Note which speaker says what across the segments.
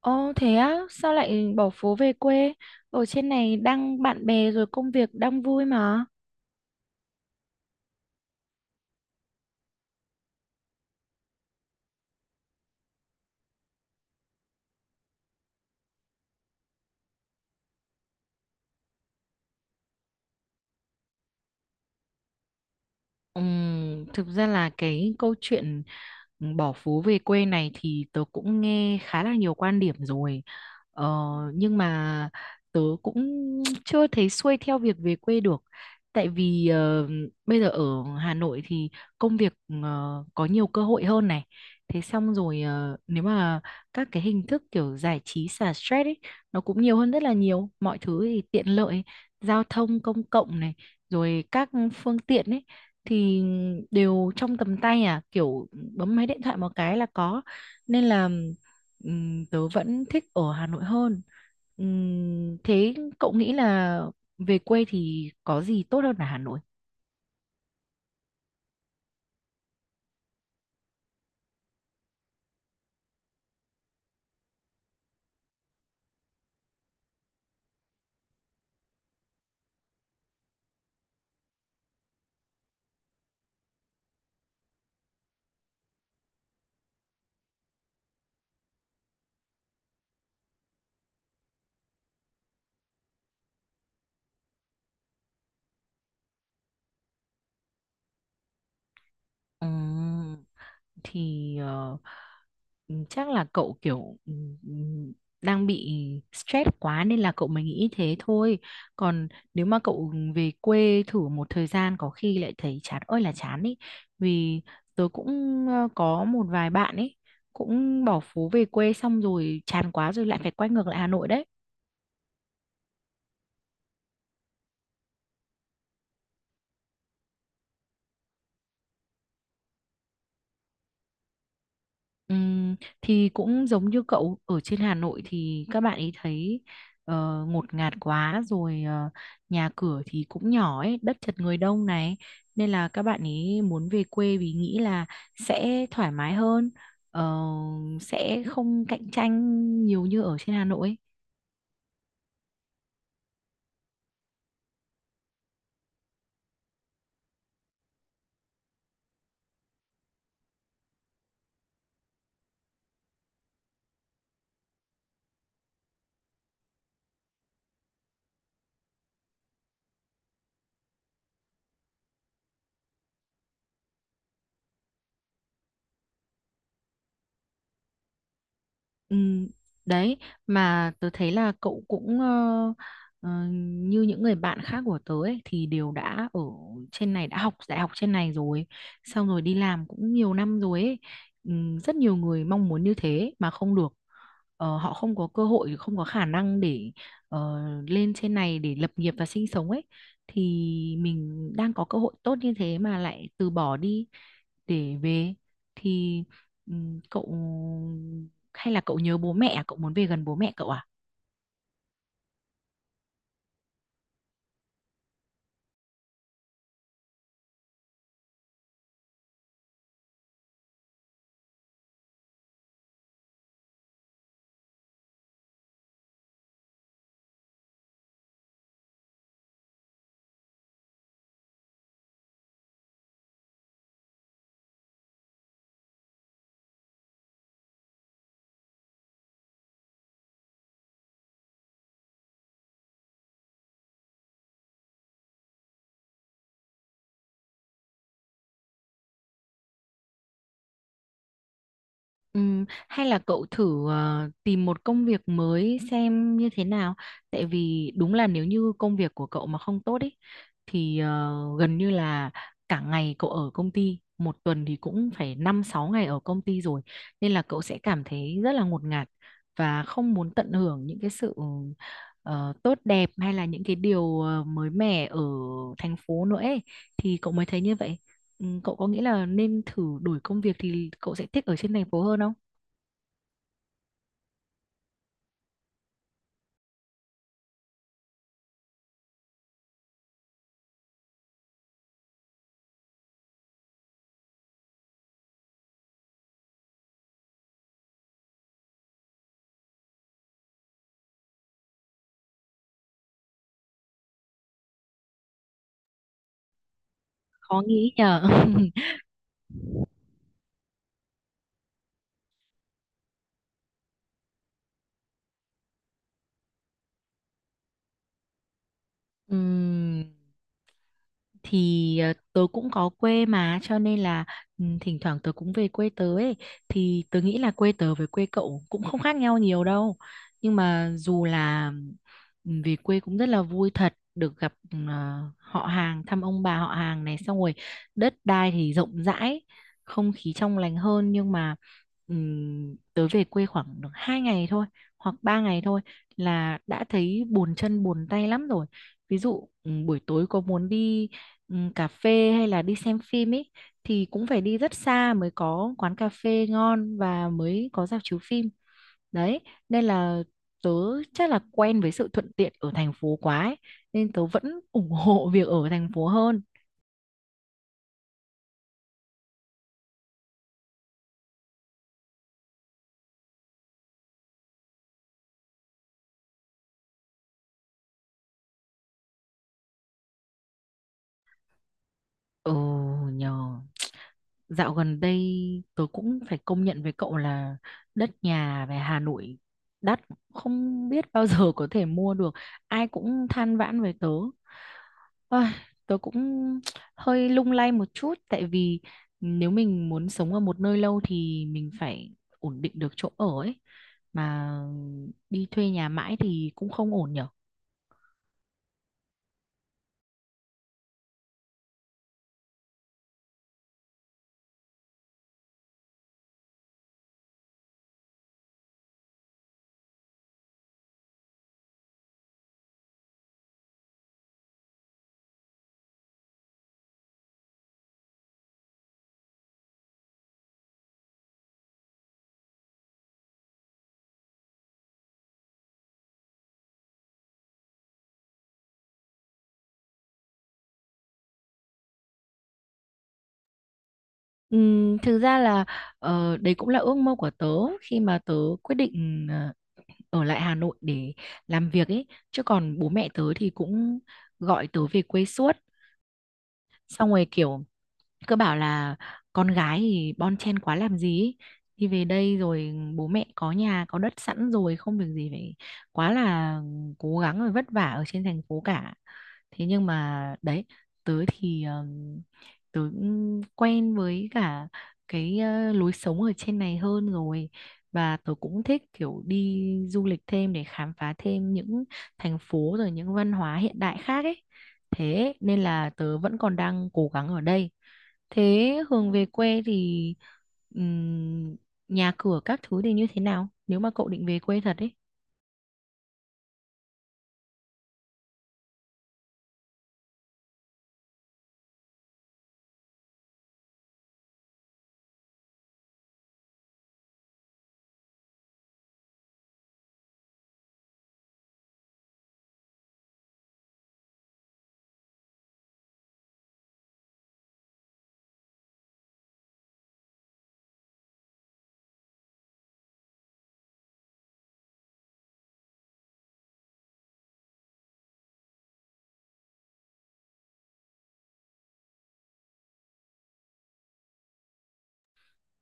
Speaker 1: Ồ thế á, sao lại bỏ phố về quê? Ở trên này đang bạn bè rồi công việc đang vui mà. Thực ra là cái câu chuyện bỏ phố về quê này thì tớ cũng nghe khá là nhiều quan điểm rồi. Ờ, nhưng mà tớ cũng chưa thấy xuôi theo việc về quê được. Tại vì bây giờ ở Hà Nội thì công việc có nhiều cơ hội hơn này. Thế xong rồi nếu mà các cái hình thức kiểu giải trí xả stress ấy nó cũng nhiều hơn rất là nhiều, mọi thứ thì tiện lợi, giao thông công cộng này rồi các phương tiện ấy thì đều trong tầm tay, à kiểu bấm máy điện thoại một cái là có, nên là tớ vẫn thích ở Hà Nội hơn. Thế cậu nghĩ là về quê thì có gì tốt hơn ở Hà Nội? Ừ. Thì chắc là cậu kiểu ừ, đang bị stress quá nên là cậu mới nghĩ thế thôi. Còn nếu mà cậu về quê thử một thời gian có khi lại thấy chán ơi là chán ý. Vì tớ cũng có một vài bạn ấy cũng bỏ phố về quê xong rồi chán quá rồi lại phải quay ngược lại Hà Nội đấy. Ừm, thì cũng giống như cậu ở trên Hà Nội thì các bạn ấy thấy ngột ngạt quá rồi, nhà cửa thì cũng nhỏ ấy, đất chật người đông này nên là các bạn ấy muốn về quê vì nghĩ là sẽ thoải mái hơn, ờ, sẽ không cạnh tranh nhiều như ở trên Hà Nội ấy. Ừ, đấy mà tớ thấy là cậu cũng ờ, như những người bạn khác của tớ ấy, thì đều đã ở trên này, đã học đại học trên này rồi xong rồi đi làm cũng nhiều năm rồi ấy. Ừ, rất nhiều người mong muốn như thế mà không được. Họ không có cơ hội, không có khả năng để ờ, lên trên này để lập nghiệp và sinh sống ấy, thì mình đang có cơ hội tốt như thế mà lại từ bỏ đi để về thì ừ, cậu, hay là cậu nhớ bố mẹ à? Cậu muốn về gần bố mẹ cậu à? Hay là cậu thử tìm một công việc mới xem như thế nào, tại vì đúng là nếu như công việc của cậu mà không tốt ấy thì gần như là cả ngày cậu ở công ty, một tuần thì cũng phải 5 6 ngày ở công ty rồi, nên là cậu sẽ cảm thấy rất là ngột ngạt và không muốn tận hưởng những cái sự tốt đẹp hay là những cái điều mới mẻ ở thành phố nữa ấy thì cậu mới thấy như vậy. Ừ, cậu có nghĩ là nên thử đổi công việc thì cậu sẽ thích ở trên thành phố hơn không? Khó nghĩ nhờ. Ừm, thì tớ cũng có quê mà, cho nên là thỉnh thoảng tớ cũng về quê tớ ấy thì tớ nghĩ là quê tớ với quê cậu cũng không khác nhau nhiều đâu, nhưng mà dù là về quê cũng rất là vui thật, được gặp họ hàng, thăm ông bà họ hàng này, xong rồi đất đai thì rộng rãi, không khí trong lành hơn, nhưng mà ừ, tớ về quê khoảng được 2 ngày thôi hoặc 3 ngày thôi là đã thấy buồn chân buồn tay lắm rồi. Ví dụ buổi tối có muốn đi cà phê hay là đi xem phim ấy thì cũng phải đi rất xa mới có quán cà phê ngon và mới có rạp chiếu phim đấy, nên là tớ chắc là quen với sự thuận tiện ở thành phố quá ấy, nên tớ vẫn ủng hộ việc ở thành phố hơn. Ồ nhờ. Dạo gần đây tôi cũng phải công nhận với cậu là đất nhà về Hà Nội đắt, không biết bao giờ có thể mua được. Ai cũng than vãn với tớ. Ôi, tớ cũng hơi lung lay một chút, tại vì nếu mình muốn sống ở một nơi lâu thì mình phải ổn định được chỗ ở ấy. Mà đi thuê nhà mãi thì cũng không ổn nhở. Thực ra là đấy cũng là ước mơ của tớ, khi mà tớ quyết định ở lại Hà Nội để làm việc ấy, chứ còn bố mẹ tớ thì cũng gọi tớ về quê suốt, xong rồi kiểu cứ bảo là con gái thì bon chen quá làm gì ấy. Thì về đây rồi bố mẹ có nhà có đất sẵn rồi, không việc gì phải quá là cố gắng rồi vất vả ở trên thành phố cả. Thế nhưng mà đấy, tớ thì tớ cũng quen với cả cái lối sống ở trên này hơn rồi, và tớ cũng thích kiểu đi du lịch thêm để khám phá thêm những thành phố rồi những văn hóa hiện đại khác ấy, thế nên là tớ vẫn còn đang cố gắng ở đây. Thế Hường về quê thì ừm, nhà cửa các thứ thì như thế nào nếu mà cậu định về quê thật ấy?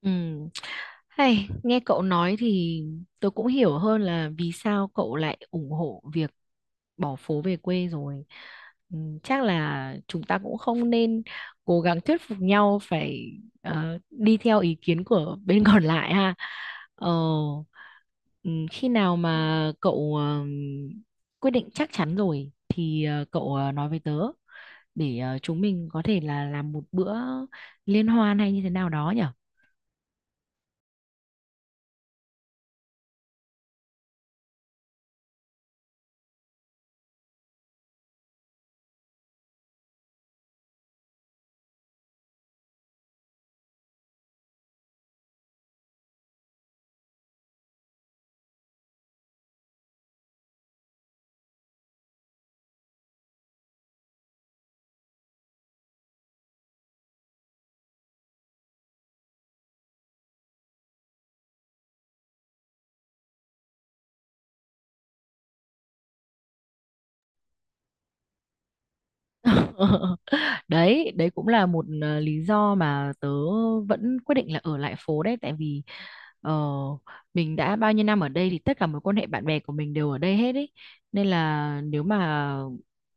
Speaker 1: Ừ. Hay, nghe cậu nói thì tôi cũng hiểu hơn là vì sao cậu lại ủng hộ việc bỏ phố về quê rồi. Ừ, chắc là chúng ta cũng không nên cố gắng thuyết phục nhau phải đi theo ý kiến của bên còn lại ha. Ờ, ừ, Khi nào mà cậu quyết định chắc chắn rồi thì cậu nói với tớ để chúng mình có thể là làm một bữa liên hoan hay như thế nào đó nhỉ? Đấy, đấy cũng là một lý do mà tớ vẫn quyết định là ở lại phố đấy, tại vì ờ, mình đã bao nhiêu năm ở đây thì tất cả mối quan hệ bạn bè của mình đều ở đây hết ấy, nên là nếu mà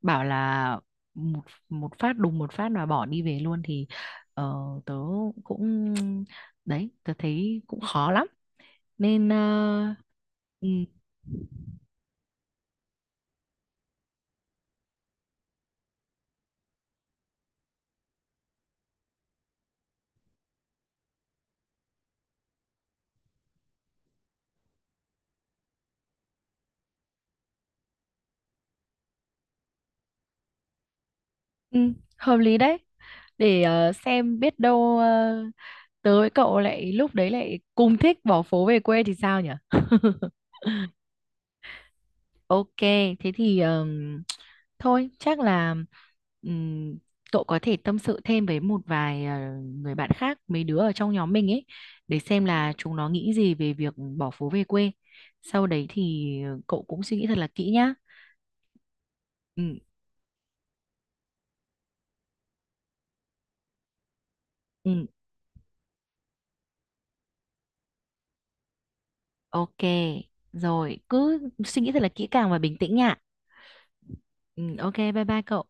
Speaker 1: bảo là một một phát đùng một phát mà bỏ đi về luôn thì ờ, tớ cũng, đấy tớ thấy cũng khó lắm nên ừ. Ừ, hợp lý đấy. Để xem biết đâu tớ với cậu lại lúc đấy lại cùng thích bỏ phố về quê thì sao nhỉ? Ok, thế thì thôi chắc là ừm, cậu có thể tâm sự thêm với một vài người bạn khác, mấy đứa ở trong nhóm mình ấy, để xem là chúng nó nghĩ gì về việc bỏ phố về quê. Sau đấy thì cậu cũng suy nghĩ thật là kỹ nhá. Ừ, ừ. Ok, rồi cứ suy nghĩ thật là kỹ càng và bình tĩnh nha. Ừ, ok, bye bye cậu.